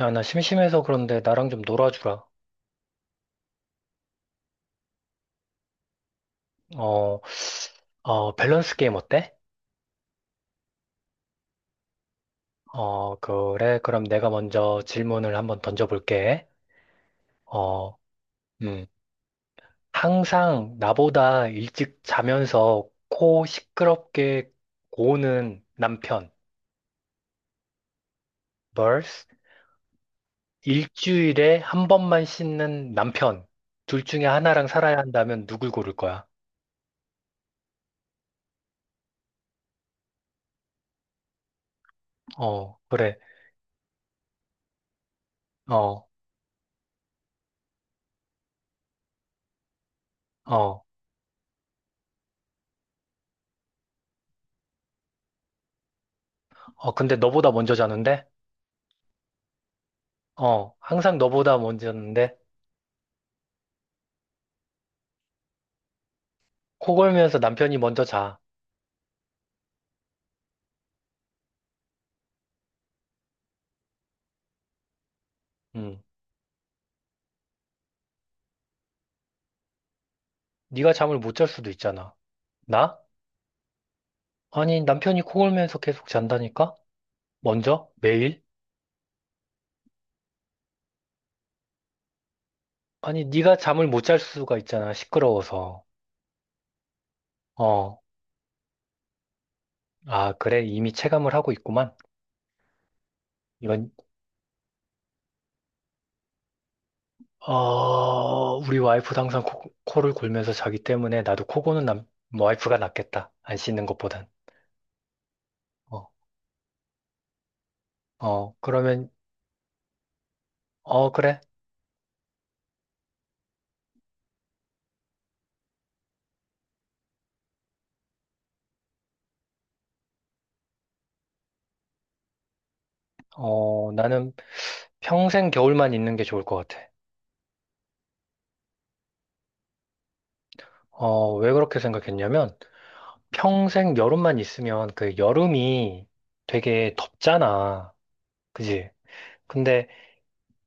야, 나 심심해서 그런데 나랑 좀 놀아주라. 어, 밸런스 게임 어때? 어, 그래. 그럼 내가 먼저 질문을 한번 던져볼게. 어, 음. 항상 나보다 일찍 자면서 코 시끄럽게 고는 남편. Vs 일주일에 한 번만 씻는 남편. 둘 중에 하나랑 살아야 한다면 누굴 고를 거야? 어, 그래. 어, 어. 어, 근데 너보다 먼저 자는데? 어, 항상 너보다 먼저였는데 코 골면서 남편이 먼저 자. 음. 네가 잠을 못 잘 수도 있잖아. 나? 아니, 남편이 코 골면서 계속 잔다니까? 먼저? 매일? 아니, 네가 잠을 못 잘 수가 있잖아. 시끄러워서. 어. 아, 그래. 이미 체감을 하고 있구만. 이건 어, 우리 와이프도 항상 코를 골면서 자기 때문에 나도 코 고는 남 와이프가 낫겠다. 안 씻는 것보단. 어. 어, 그러면 어, 그래. 어, 나는 평생 겨울만 있는 게 좋을 것 같아. 어, 왜 그렇게 생각했냐면, 평생 여름만 있으면 그 여름이 되게 덥잖아. 그지? 근데,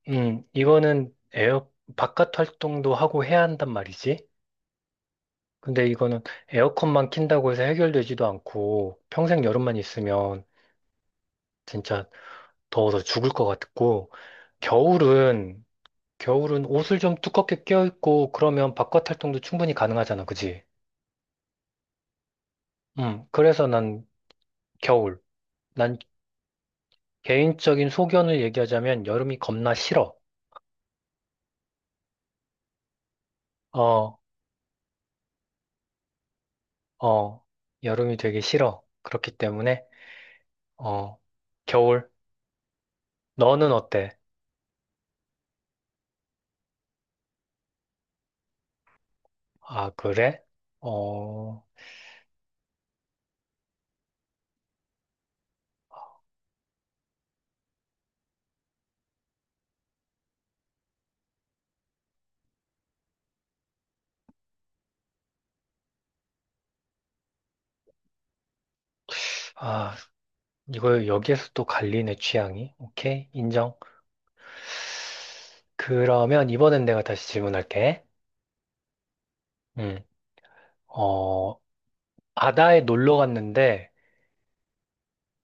이거는 에어, 바깥 활동도 하고 해야 한단 말이지. 근데 이거는 에어컨만 킨다고 해서 해결되지도 않고, 평생 여름만 있으면 진짜 더워서 죽을 것 같고, 겨울은, 겨울은 옷을 좀 두껍게 껴입고, 그러면 바깥 활동도 충분히 가능하잖아. 그지? 그래서 난 겨울. 난 개인적인 소견을 얘기하자면 여름이 겁나 싫어. 어, 어, 여름이 되게 싫어. 그렇기 때문에, 어, 겨울. 너는 어때? 아, 그래? 어, 아, 이거 여기에서 또 갈리네, 취향이. 오케이, 인정. 그러면 이번엔 내가 다시 질문할게. 음, 어, 바다에 놀러 갔는데,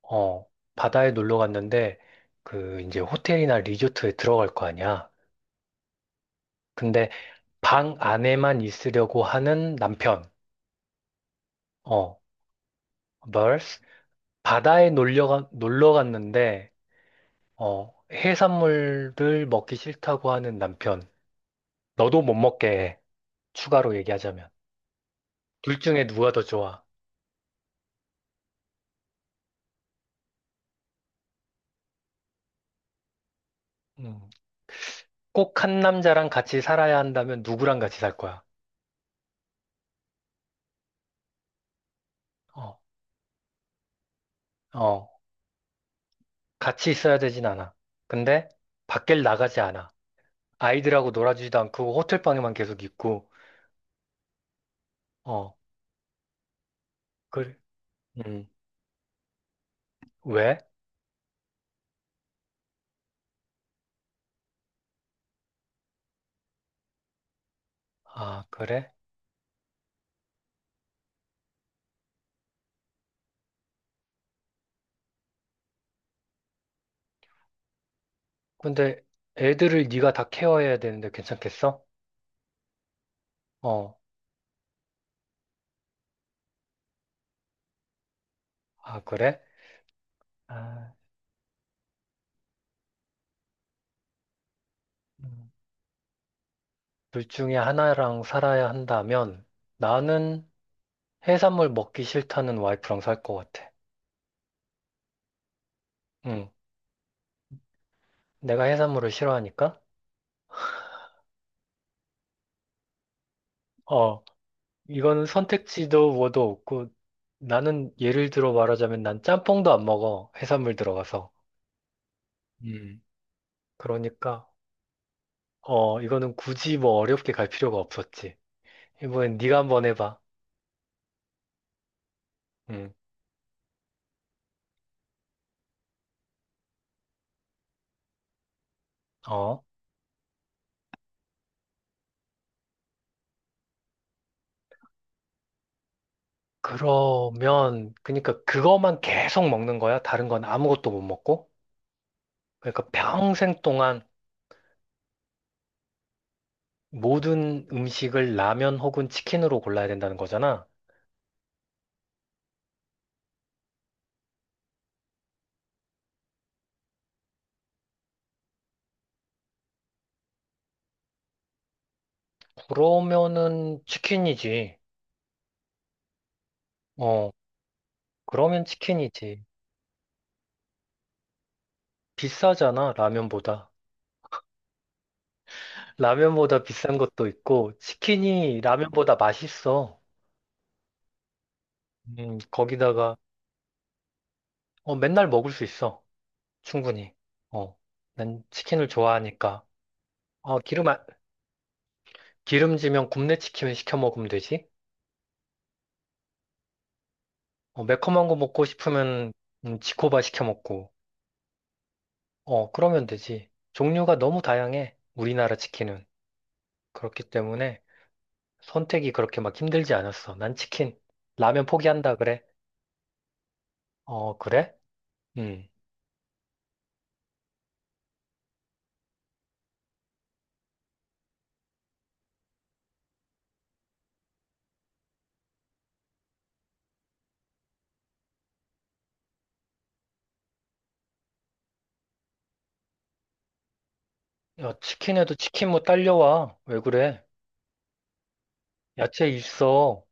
어, 바다에 놀러 갔는데, 그, 이제 호텔이나 리조트에 들어갈 거 아니야. 근데 방 안에만 있으려고 하는 남편. 어, v e r s 바다에 놀려, 가- 놀러 갔는데, 어, 해산물을 먹기 싫다고 하는 남편. 너도 못 먹게 해. 추가로 얘기하자면. 둘 중에 누가 더 좋아? 음, 꼭한 남자랑 같이 살아야 한다면 누구랑 같이 살 거야? 어, 어, 같이 있어야 되진 않아. 근데 밖을 나가지 않아. 아이들하고 놀아주지도 않고 호텔방에만 계속 있고, 어, 그, 음, 왜? 아, 그래? 근데 애들을 네가 다 케어해야 되는데 괜찮겠어? 어, 아, 그래? 아, 음. 둘 중에 하나랑 살아야 한다면 나는 해산물 먹기 싫다는 와이프랑 살 것 같아. 응, 내가 해산물을 싫어하니까? 어, 이거는 선택지도 뭐도 없고 나는 예를 들어 말하자면 난 짬뽕도 안 먹어. 해산물 들어가서. 음. 그러니까 어, 이거는 굳이 뭐 어렵게 갈 필요가 없었지. 이번엔 네가 한번 해봐. 응, 어. 그러면, 그러니까 그것만 계속 먹는 거야? 다른 건 아무것도 못 먹고? 그러니까 평생 동안 모든 음식을 라면 혹은 치킨으로 골라야 된다는 거잖아. 그러면은 치킨이지. 어, 그러면 치킨이지. 비싸잖아, 라면보다. 라면보다 비싼 것도 있고, 치킨이 라면보다 맛있어. 거기다가, 어, 맨날 먹을 수 있어. 충분히. 어, 난 치킨을 좋아하니까. 어, 기름, 안- 기름지면 굽네 치킨 시켜 먹으면 되지. 어, 매콤한 거 먹고 싶으면 지코바 시켜 먹고. 어, 그러면 되지. 종류가 너무 다양해. 우리나라 치킨은. 그렇기 때문에 선택이 그렇게 막 힘들지 않았어. 난 치킨. 라면 포기한다 그래. 어, 그래? 응 야, 치킨에도 치킨 뭐 딸려와. 왜 그래? 야채 있어.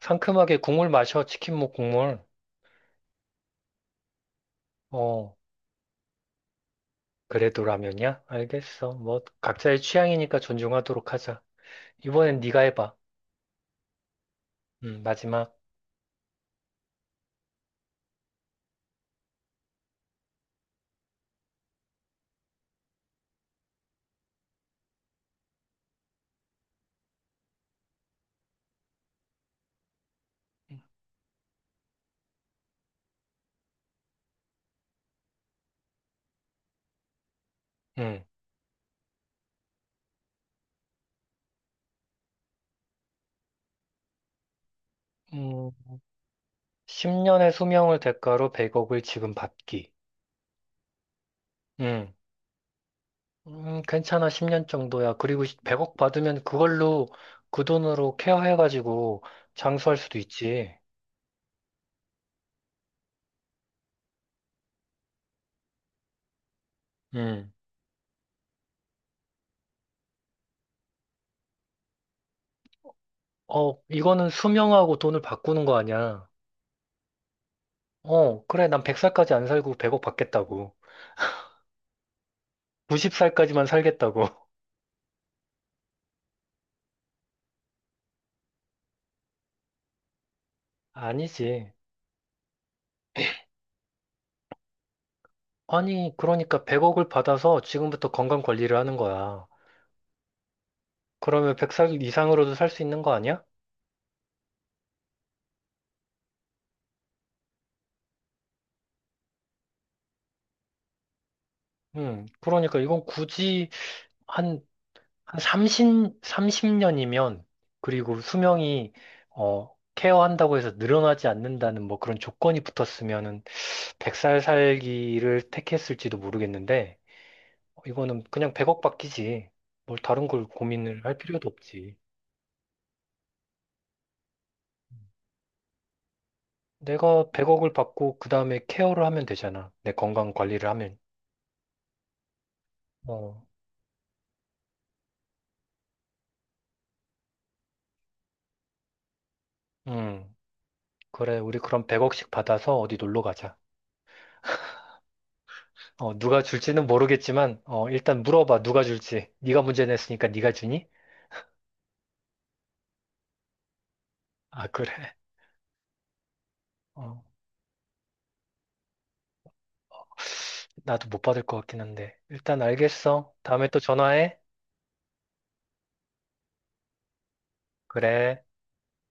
상큼하게 국물 마셔. 치킨 뭐 국물. 어, 그래도 라면이야? 알겠어. 뭐 각자의 취향이니까 존중하도록 하자. 이번엔 네가 해봐. 마지막. 음, 음, 십 10년의 수명을 대가로 100억을 지금 받기. 음, 괜찮아, 10년 정도야. 그리고 100억 받으면 그걸로 그 돈으로 케어해가지고 장수할 수도 있지. 음, 이거는 수명하고 돈을 바꾸는 거 아니야. 어, 그래, 난 100살까지 안 살고 100억 받겠다고. 90살까지만 살겠다고. 아니지. 아니, 그러니까 100억을 받아서 지금부터 건강 관리를 하는 거야. 그러면 100살 이상으로도 살 수 있는 거 아니야? 그러니까 이건 굳이 한, 한 삼십 년이면 그리고 수명이, 어, 케어한다고 해서 늘어나지 않는다는 뭐 그런 조건이 붙었으면은 100살 살기를 택했을지도 모르겠는데, 이거는 그냥 100억 받기지. 뭘 다른 걸 고민을 할 필요도 없지. 내가 100억을 받고 그 다음에 케어를 하면 되잖아. 내 건강 관리를 하면. 어, 음, 그래. 우리 그럼 100억씩 받아서 어디 놀러 가자. 어, 누가 줄지는 모르겠지만, 어, 일단 물어봐. 누가 줄지. 네가 문제 냈으니까 네가 주니? 아, 그래. 어, 나도 못 받을 것 같긴 한데. 일단 알겠어. 다음에 또 전화해. 그래.